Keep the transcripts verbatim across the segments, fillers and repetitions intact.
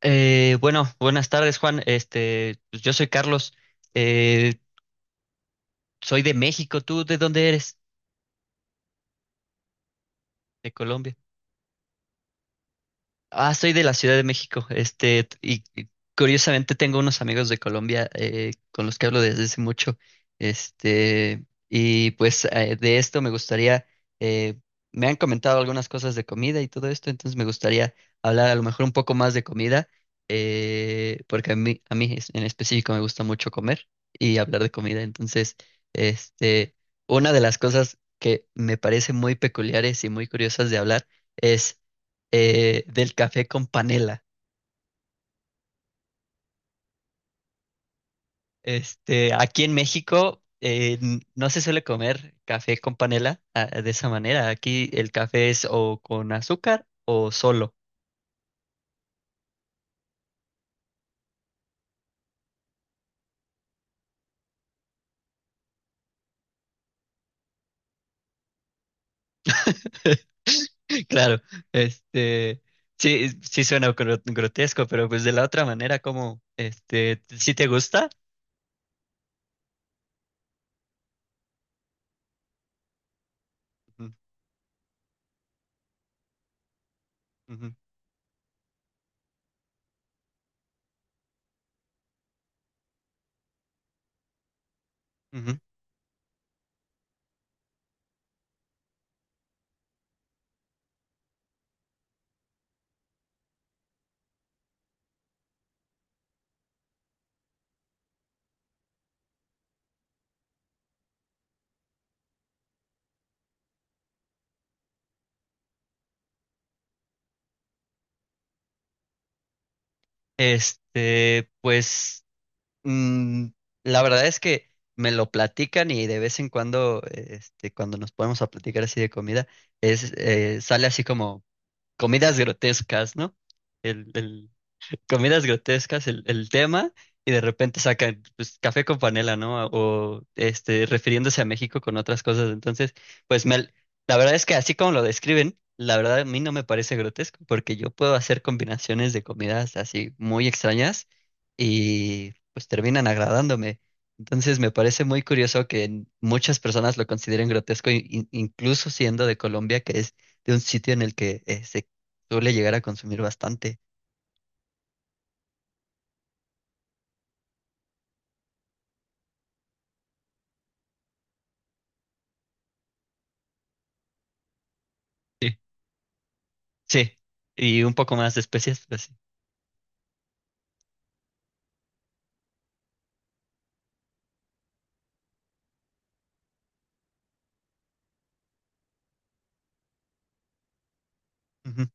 Eh, bueno, buenas tardes, Juan. Este, pues yo soy Carlos. Eh, Soy de México. ¿Tú de dónde eres? De Colombia. Ah, soy de la Ciudad de México, este, t- y y curiosamente tengo unos amigos de Colombia, eh, con los que hablo desde hace mucho. Este, y pues eh, de esto me gustaría, eh, me han comentado algunas cosas de comida y todo esto, entonces me gustaría hablar a lo mejor un poco más de comida, eh, porque a mí, a mí es- en específico me gusta mucho comer y hablar de comida. entonces, este, una de las cosas que me parece muy peculiares y muy curiosas de hablar es eh, del café con panela. Este, aquí en México, eh, n- no se suele comer café con panela, ah, de esa manera. Aquí el café es o con azúcar o solo. Claro. este, sí, sí suena gro- grotesco, pero pues de la otra manera, como, este, ¿si te gusta? Ujú, ujú, ujú. Este, pues mm, la verdad es que me lo platican, y de vez en cuando, este, cuando nos ponemos a platicar así de comida, es, eh, sale así como comidas grotescas, ¿no? El, el- Comidas grotescas el, el tema, y de repente sacan pues café con panela, ¿no? O este, refiriéndose a México con otras cosas. Entonces, pues me, la verdad es que así como lo describen, la verdad a mí no me parece grotesco, porque yo puedo hacer combinaciones de comidas así muy extrañas y pues terminan agradándome. Entonces me parece muy curioso que muchas personas lo consideren grotesco, in- in- incluso siendo de Colombia, que es de un sitio en el que, eh, se suele llegar a consumir bastante. Sí, y un poco más de especias, pues sí. Ujú.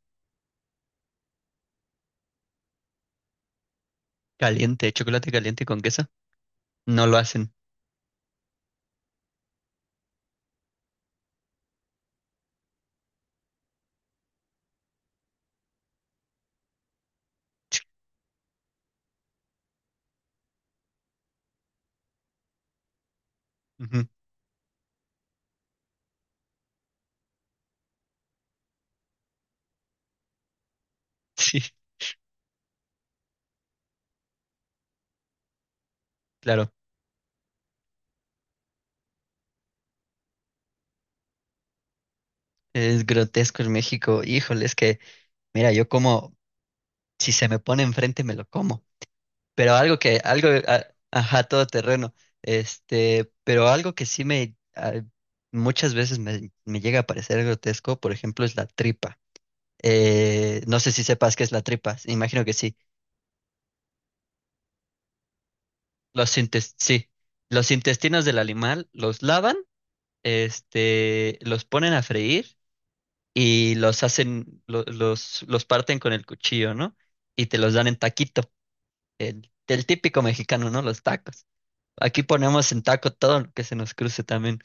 Caliente, chocolate caliente con queso. No lo hacen. Ujú. Sí, claro. Es grotesco en México. Híjole, es que mira, yo como, si se me pone enfrente, me lo como. Pero algo que, algo, a- ajá, todo terreno. Este, pero algo que sí me, ah, muchas veces me, me llega a parecer grotesco, por ejemplo, es la tripa. Eh, no sé si sepas qué es la tripa. Imagino que sí. Los intes- sí. Los intestinos del animal los lavan, este, los ponen a freír y los hacen, lo- los, los parten con el cuchillo, ¿no? Y te los dan en taquito, el, el típico mexicano, ¿no? Los tacos. Aquí ponemos en taco todo lo que se nos cruce también.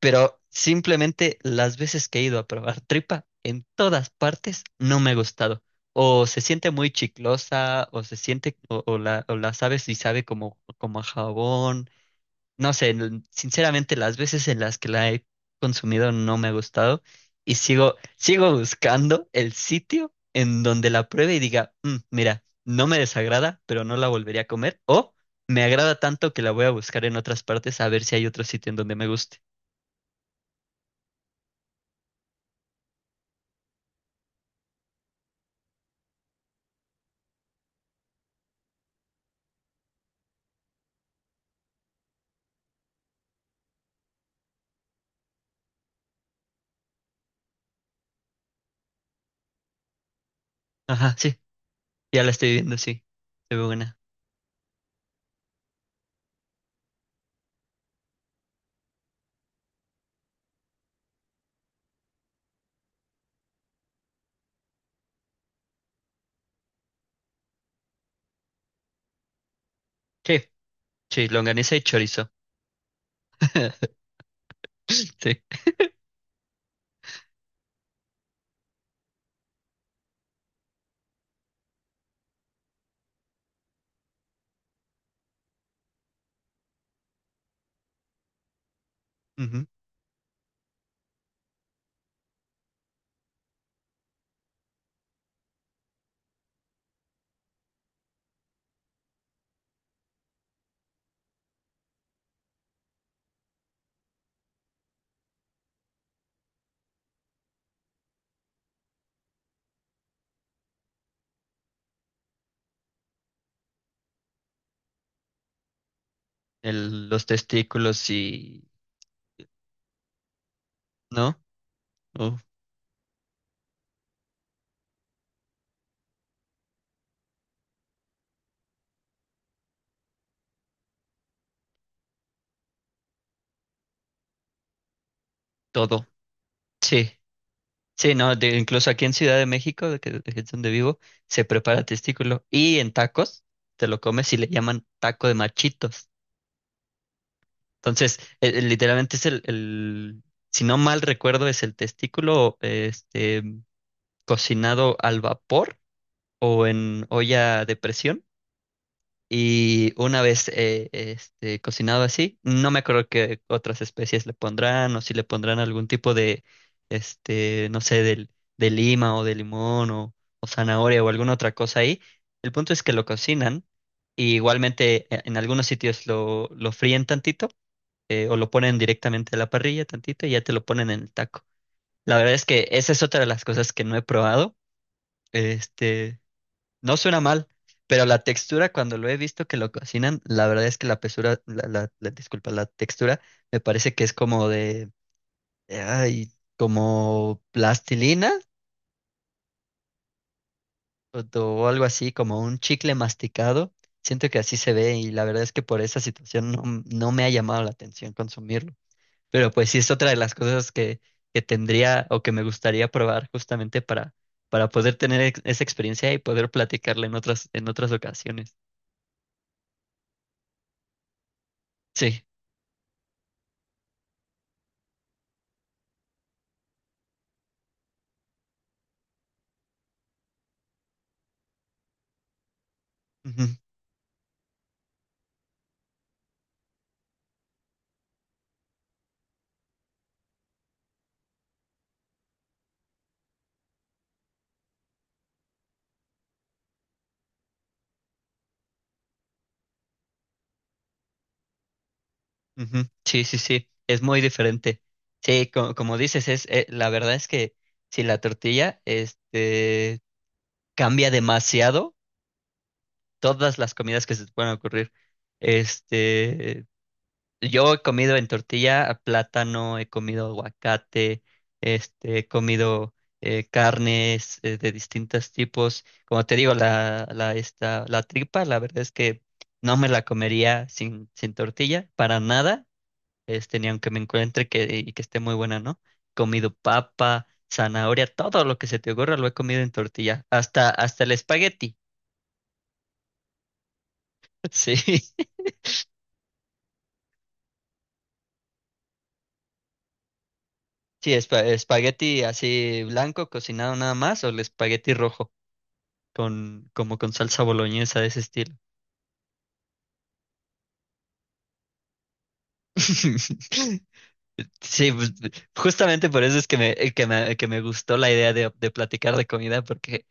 Pero simplemente las veces que he ido a probar tripa, en todas partes no me ha gustado. O se siente muy chiclosa, o se siente, o, o la, o la sabe si sabe como, como a jabón, no sé, l- sinceramente las veces en las que la he consumido no me ha gustado, y sigo, sigo buscando el sitio en donde la pruebe y diga: "Mm, mira, no me desagrada, pero no la volvería a comer, o me agrada tanto que la voy a buscar en otras partes a ver si hay otro sitio en donde me guste". Ajá, sí, ya la estoy viendo, sí, se ve buena. Sí, sí, longaniza y chorizo. Sí. Ujú. El- los testículos y... ¿No? Oh, todo. Sí. Sí, no, de- incluso aquí en Ciudad de México, de que, de que es donde vivo, se prepara testículo, y en tacos te lo comes y le llaman taco de machitos. Entonces, eh, eh, literalmente es el, el- si no mal recuerdo, es el testículo, este, cocinado al vapor o en olla de presión. Y una vez, eh, este, cocinado así, no me acuerdo qué otras especies le pondrán, o si le pondrán algún tipo de, este, no sé, del, de lima o de limón, o, o zanahoria o alguna otra cosa ahí. El punto es que lo cocinan, y igualmente, eh, en algunos sitios lo, lo fríen tantito, eh, o lo ponen directamente a la parrilla tantito y ya te lo ponen en el taco. La verdad es que esa es otra de las cosas que no he probado. Este, no suena mal, pero la textura, cuando lo he visto que lo cocinan, la verdad es que la pesura, la, la, la- disculpa, la textura me parece que es como de, ay, como plastilina, o, o algo así, como un chicle masticado. Siento que así se ve, y la verdad es que por esa situación, no, m- no me ha llamado la atención consumirlo. Pero pues sí es otra de las cosas que, que tendría o que me gustaría probar, justamente para, para poder tener ex- esa experiencia y poder platicarla en otras, en otras ocasiones. Sí. Ujú. Ujú. Sí, sí, sí, es muy diferente. Sí, co- como dices, es, eh, la verdad es que si la tortilla, este, cambia demasiado todas las comidas que se te pueden ocurrir. Este, yo he comido en tortilla a plátano, he comido aguacate, este, he comido, eh, carnes, eh, de distintos tipos. Como te digo, la, la, esta, la tripa, la verdad es que no me la comería sin, sin tortilla, para nada, este, ni aunque me encuentre que, y que esté muy buena, ¿no? Comido papa, zanahoria, todo lo que se te ocurra lo he comido en tortilla, hasta, hasta el espagueti. Sí, sí, espa- espagueti así blanco, cocinado nada más, o el espagueti rojo, con, como con salsa boloñesa de ese estilo. Sí, pues justamente por eso es que me, que me, que me gustó la idea de, de platicar de comida, porque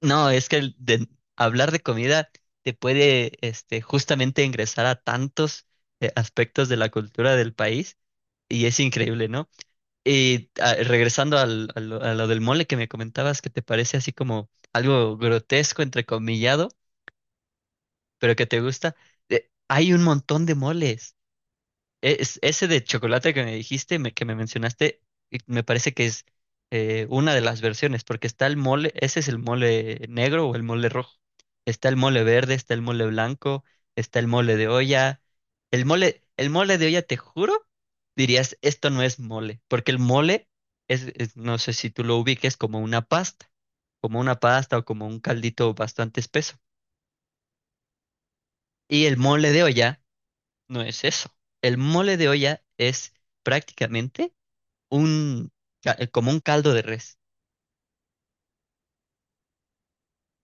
no, es que el de hablar de comida te puede, este, justamente ingresar a tantos, eh, aspectos de la cultura del país, y es increíble, ¿no? Y ah, regresando al- a lo, a lo del mole que me comentabas, que te parece así como algo grotesco, entrecomillado, pero que te gusta, eh, hay un montón de moles. Es, ese de chocolate que me dijiste, me- que me mencionaste, y me parece que es, eh, una de las versiones, porque está el mole, ese es el mole negro o el mole rojo. Está el mole verde, está el mole blanco, está el mole de olla. El mole, el mole de olla, te juro, dirías, esto no es mole, porque el mole es, es- no sé si tú lo ubiques como una pasta, como una pasta o como un caldito bastante espeso. Y el mole de olla no es eso. El mole de olla es prácticamente un, ca- eh, como un caldo de res.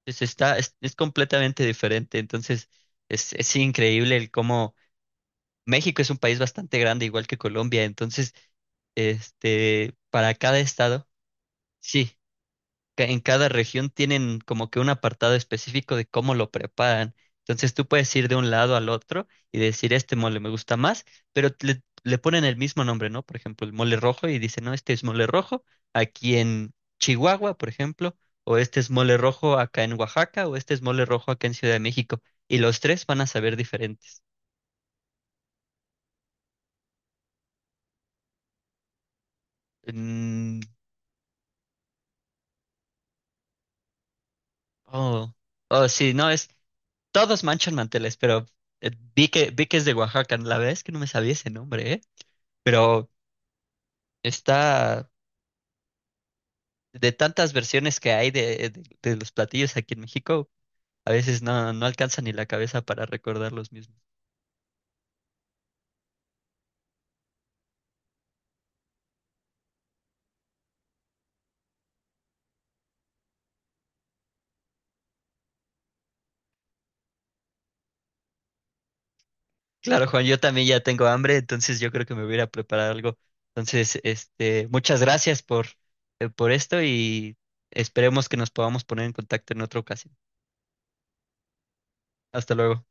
Es, está, es, es completamente diferente. Entonces, es, es increíble el cómo México es un país bastante grande, igual que Colombia. Entonces, este, para cada estado, sí, ca- en cada región tienen como que un apartado específico de cómo lo preparan. Entonces tú puedes ir de un lado al otro y decir, este mole me gusta más, pero t- le, le ponen el mismo nombre, ¿no? Por ejemplo, el mole rojo, y dicen, no, este es mole rojo aquí en Chihuahua, por ejemplo, o este es mole rojo acá en Oaxaca, o este es mole rojo acá en Ciudad de México. Y los tres van a saber diferentes. Mm, oh, oh, sí, no, es, todos manchan manteles, pero, eh, vi que, vi que es de Oaxaca. La verdad es que no me sabía ese nombre, ¿eh? Pero está de tantas versiones que hay de, de- de los platillos aquí en México, a veces no, no alcanza ni la cabeza para recordar los mismos. Claro, Juan, yo también ya tengo hambre, entonces yo creo que me voy a ir a preparar algo. Entonces, este, muchas gracias por, eh, por esto, y esperemos que nos podamos poner en contacto en otra ocasión. Hasta luego.